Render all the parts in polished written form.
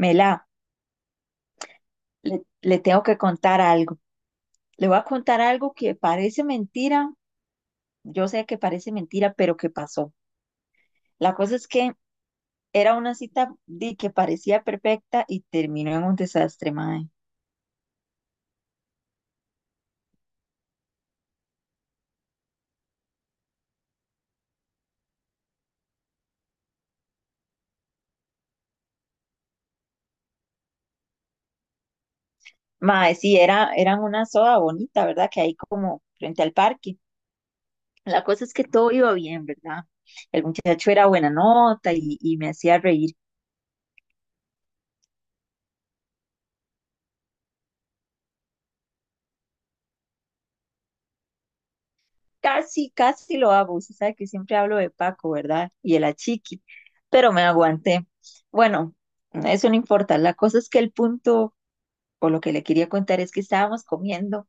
Mela, le tengo que contar algo. Le voy a contar algo que parece mentira. Yo sé que parece mentira, pero que pasó. La cosa es que era una cita di, que parecía perfecta y terminó en un desastre, mae. Mae, sí, era, eran una soda bonita, ¿verdad? Que hay como frente al parque. La cosa es que todo iba bien, ¿verdad? El muchacho era buena nota y me hacía reír. Casi, casi lo hago. Usted sabe que siempre hablo de Paco, ¿verdad? Y el achiqui, pero me aguanté. Bueno, eso no importa. La cosa es que el punto, o lo que le quería contar, es que estábamos comiendo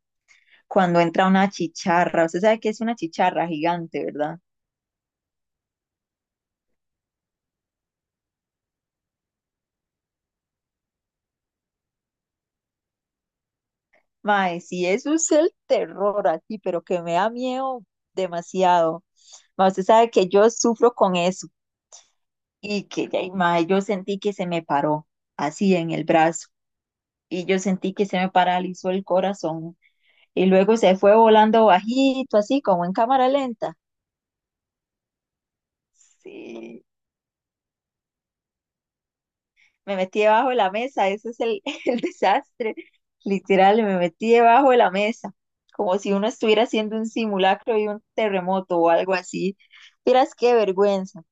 cuando entra una chicharra. Usted sabe que es una chicharra gigante, ¿verdad? Mae, sí, eso es el terror aquí, pero que me da miedo demasiado. Mae, usted sabe que yo sufro con eso y que, ya, mae, yo sentí que se me paró así en el brazo. Y yo sentí que se me paralizó el corazón y luego se fue volando bajito, así como en cámara lenta. Sí, me metí debajo de la mesa, ese es el, el desastre, literal, me metí debajo de la mesa, como si uno estuviera haciendo un simulacro de un terremoto o algo así. Miras qué vergüenza.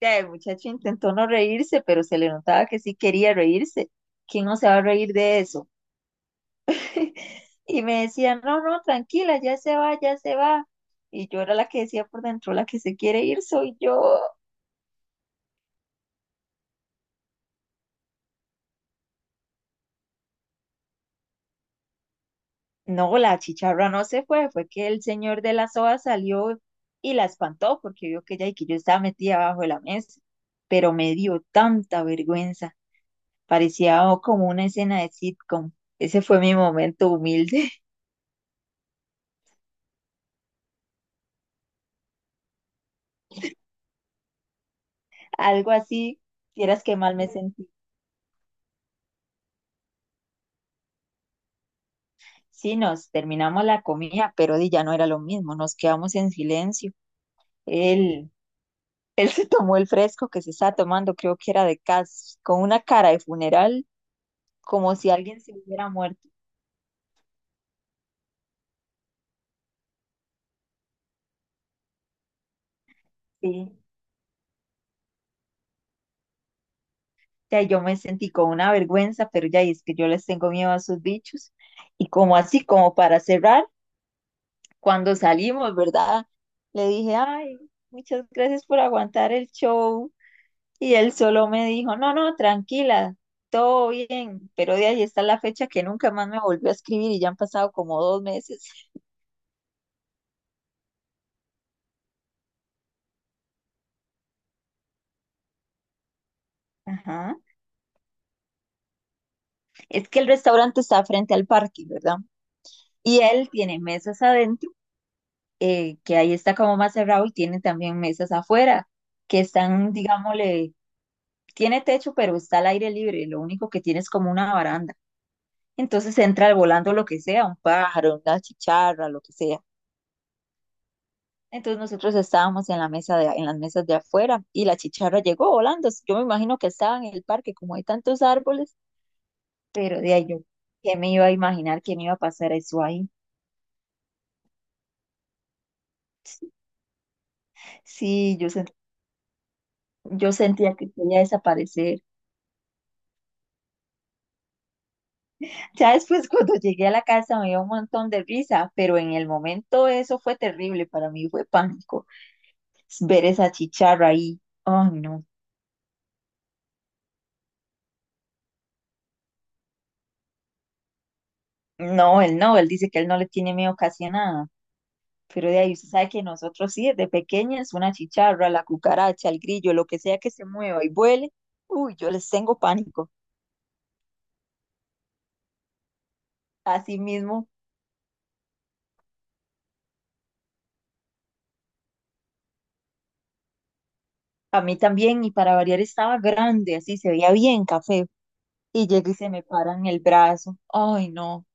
Ya, el muchacho intentó no reírse, pero se le notaba que sí quería reírse. ¿Quién no se va a reír de eso? Y me decían, no, no, tranquila, ya se va, ya se va. Y yo era la que decía por dentro, la que se quiere ir soy yo. No, la chicharra no se fue, fue que el señor de la soa salió y la espantó porque vio que ella y que yo estaba metida abajo de la mesa. Pero me dio tanta vergüenza, parecía como una escena de sitcom. Ese fue mi momento humilde, algo así, quieras que mal me sentí. Sí, nos terminamos la comida, pero di, ya no era lo mismo, nos quedamos en silencio. Él, él se tomó el fresco que se estaba tomando, creo que era de cas, con una cara de funeral, como si alguien se hubiera muerto. Sí. Ya yo me sentí con una vergüenza, pero ya y es que yo les tengo miedo a esos bichos. Y como así, como para cerrar, cuando salimos, ¿verdad? Le dije, ay, muchas gracias por aguantar el show. Y él solo me dijo, no, no, tranquila, todo bien, pero de ahí está la fecha que nunca más me volvió a escribir y ya han pasado como 2 meses. Ajá. Es que el restaurante está frente al parque, ¿verdad? Y él tiene mesas adentro, que ahí está como más cerrado, y tiene también mesas afuera, que están, digámosle, tiene techo, pero está al aire libre, lo único que tiene es como una baranda. Entonces entra volando lo que sea, un pájaro, una chicharra, lo que sea. Entonces nosotros estábamos en la mesa de, en las mesas de afuera y la chicharra llegó volando. Yo me imagino que estaba en el parque, como hay tantos árboles, pero de ahí yo, ¿qué me iba a imaginar que me iba a pasar eso ahí? Sí, yo. Yo sentía que quería desaparecer. Ya después, cuando llegué a la casa, me dio un montón de risa, pero en el momento eso fue terrible para mí, fue pánico. Ver esa chicharra ahí. Oh, no. No, él no, él dice que él no le tiene miedo casi a nada. Pero de ahí usted sabe que nosotros sí, desde pequeñas, una chicharra, la cucaracha, el grillo, lo que sea que se mueva y vuele, uy, yo les tengo pánico. Así mismo, a mí también, y para variar estaba grande, así se veía bien café, y llega y se me para en el brazo. Ay, no,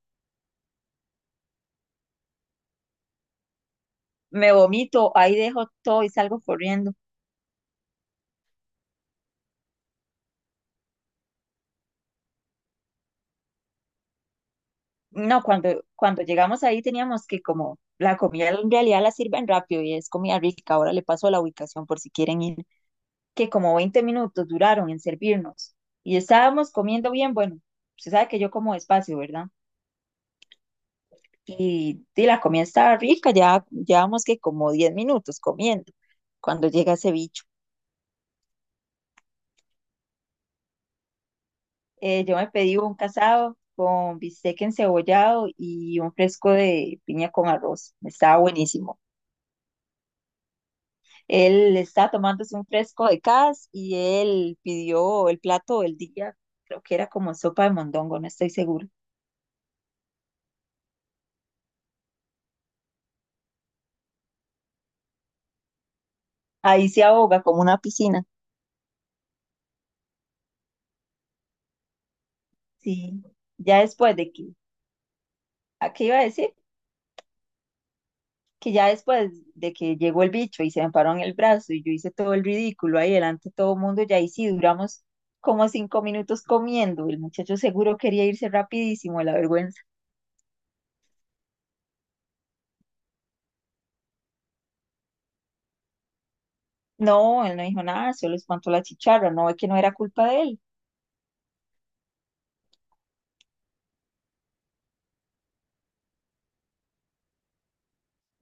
me vomito, ahí dejo todo y salgo corriendo. No, cuando llegamos ahí teníamos que como la comida en realidad la sirven rápido y es comida rica. Ahora le paso la ubicación por si quieren ir, que como 20 minutos duraron en servirnos y estábamos comiendo bien. Bueno, se sabe que yo como despacio, ¿verdad? Y la comida estaba rica, ya llevamos que como 10 minutos comiendo cuando llega ese bicho. Yo me pedí un casado con bistec encebollado y un fresco de piña con arroz. Estaba buenísimo. Él estaba tomándose un fresco de cas y él pidió el plato del día, creo que era como sopa de mondongo, no estoy seguro. Ahí se ahoga como una piscina. Sí. Ya después de que, ¿a qué iba a decir? Que ya después de que llegó el bicho y se me paró en el brazo y yo hice todo el ridículo ahí delante de todo el mundo, ya ahí sí duramos como 5 minutos comiendo. El muchacho seguro quería irse rapidísimo de la vergüenza. No, él no dijo nada, solo espantó la chicharra, no es que no era culpa de él.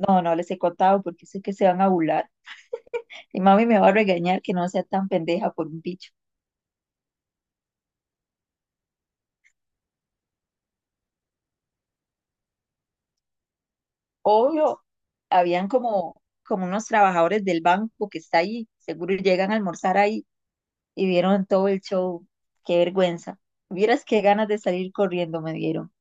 No, no les he contado porque sé que se van a burlar. Y mami me va a regañar que no sea tan pendeja por un bicho. Obvio, habían como, como unos trabajadores del banco que está ahí, seguro llegan a almorzar ahí y vieron todo el show. Qué vergüenza. Vieras qué ganas de salir corriendo me dieron.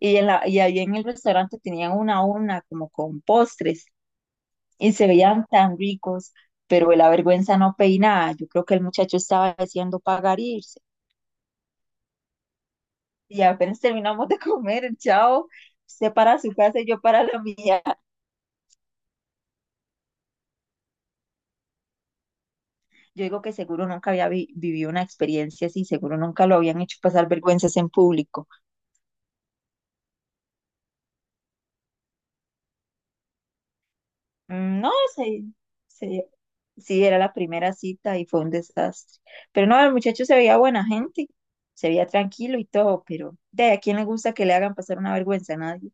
Y, en la, y ahí en el restaurante tenían una a una como con postres y se veían tan ricos, pero la vergüenza no peinaba. Yo creo que el muchacho estaba deseando pagar e irse. Y apenas terminamos de comer, el chavo, usted para su casa y yo para la mía. Yo digo que seguro nunca había vi- vivido una experiencia así, seguro nunca lo habían hecho pasar vergüenzas en público. No, se sí, era la primera cita y fue un desastre. Pero no, el muchacho se veía buena gente, se veía tranquilo y todo, pero de a quién le gusta que le hagan pasar una vergüenza a nadie.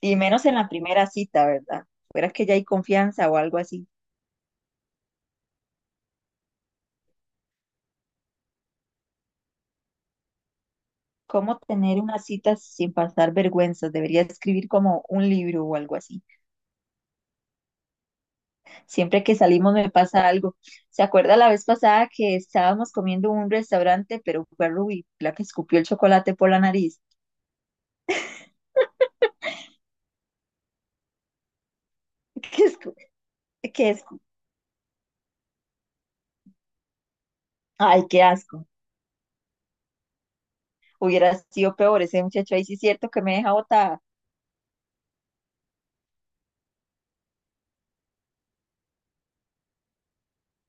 Y menos en la primera cita, ¿verdad? Fuera que ya hay confianza o algo así. ¿Cómo tener una cita sin pasar vergüenzas? Debería escribir como un libro o algo así. Siempre que salimos me pasa algo. ¿Se acuerda la vez pasada que estábamos comiendo en un restaurante, pero fue Ruby la que escupió el chocolate por la nariz? Que, escu- que escu- Ay, qué asco. Hubiera sido peor, ese muchacho ahí sí es cierto que me deja botada.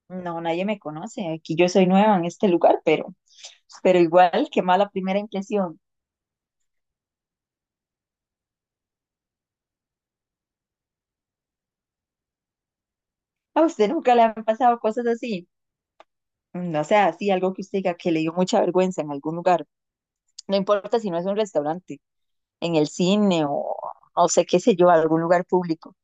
No, nadie me conoce, aquí yo soy nueva en este lugar, pero igual, qué mala primera impresión. ¿A usted nunca le han pasado cosas así? No sea así, algo que usted diga que le dio mucha vergüenza en algún lugar. No importa si no es un restaurante, en el cine o no sé qué sé yo, algún lugar público.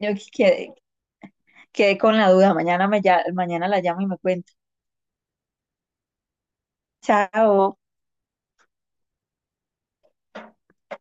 Yo que- quedé, quedé con la duda, mañana, me, ya- mañana la llamo y me cuenta. Chao.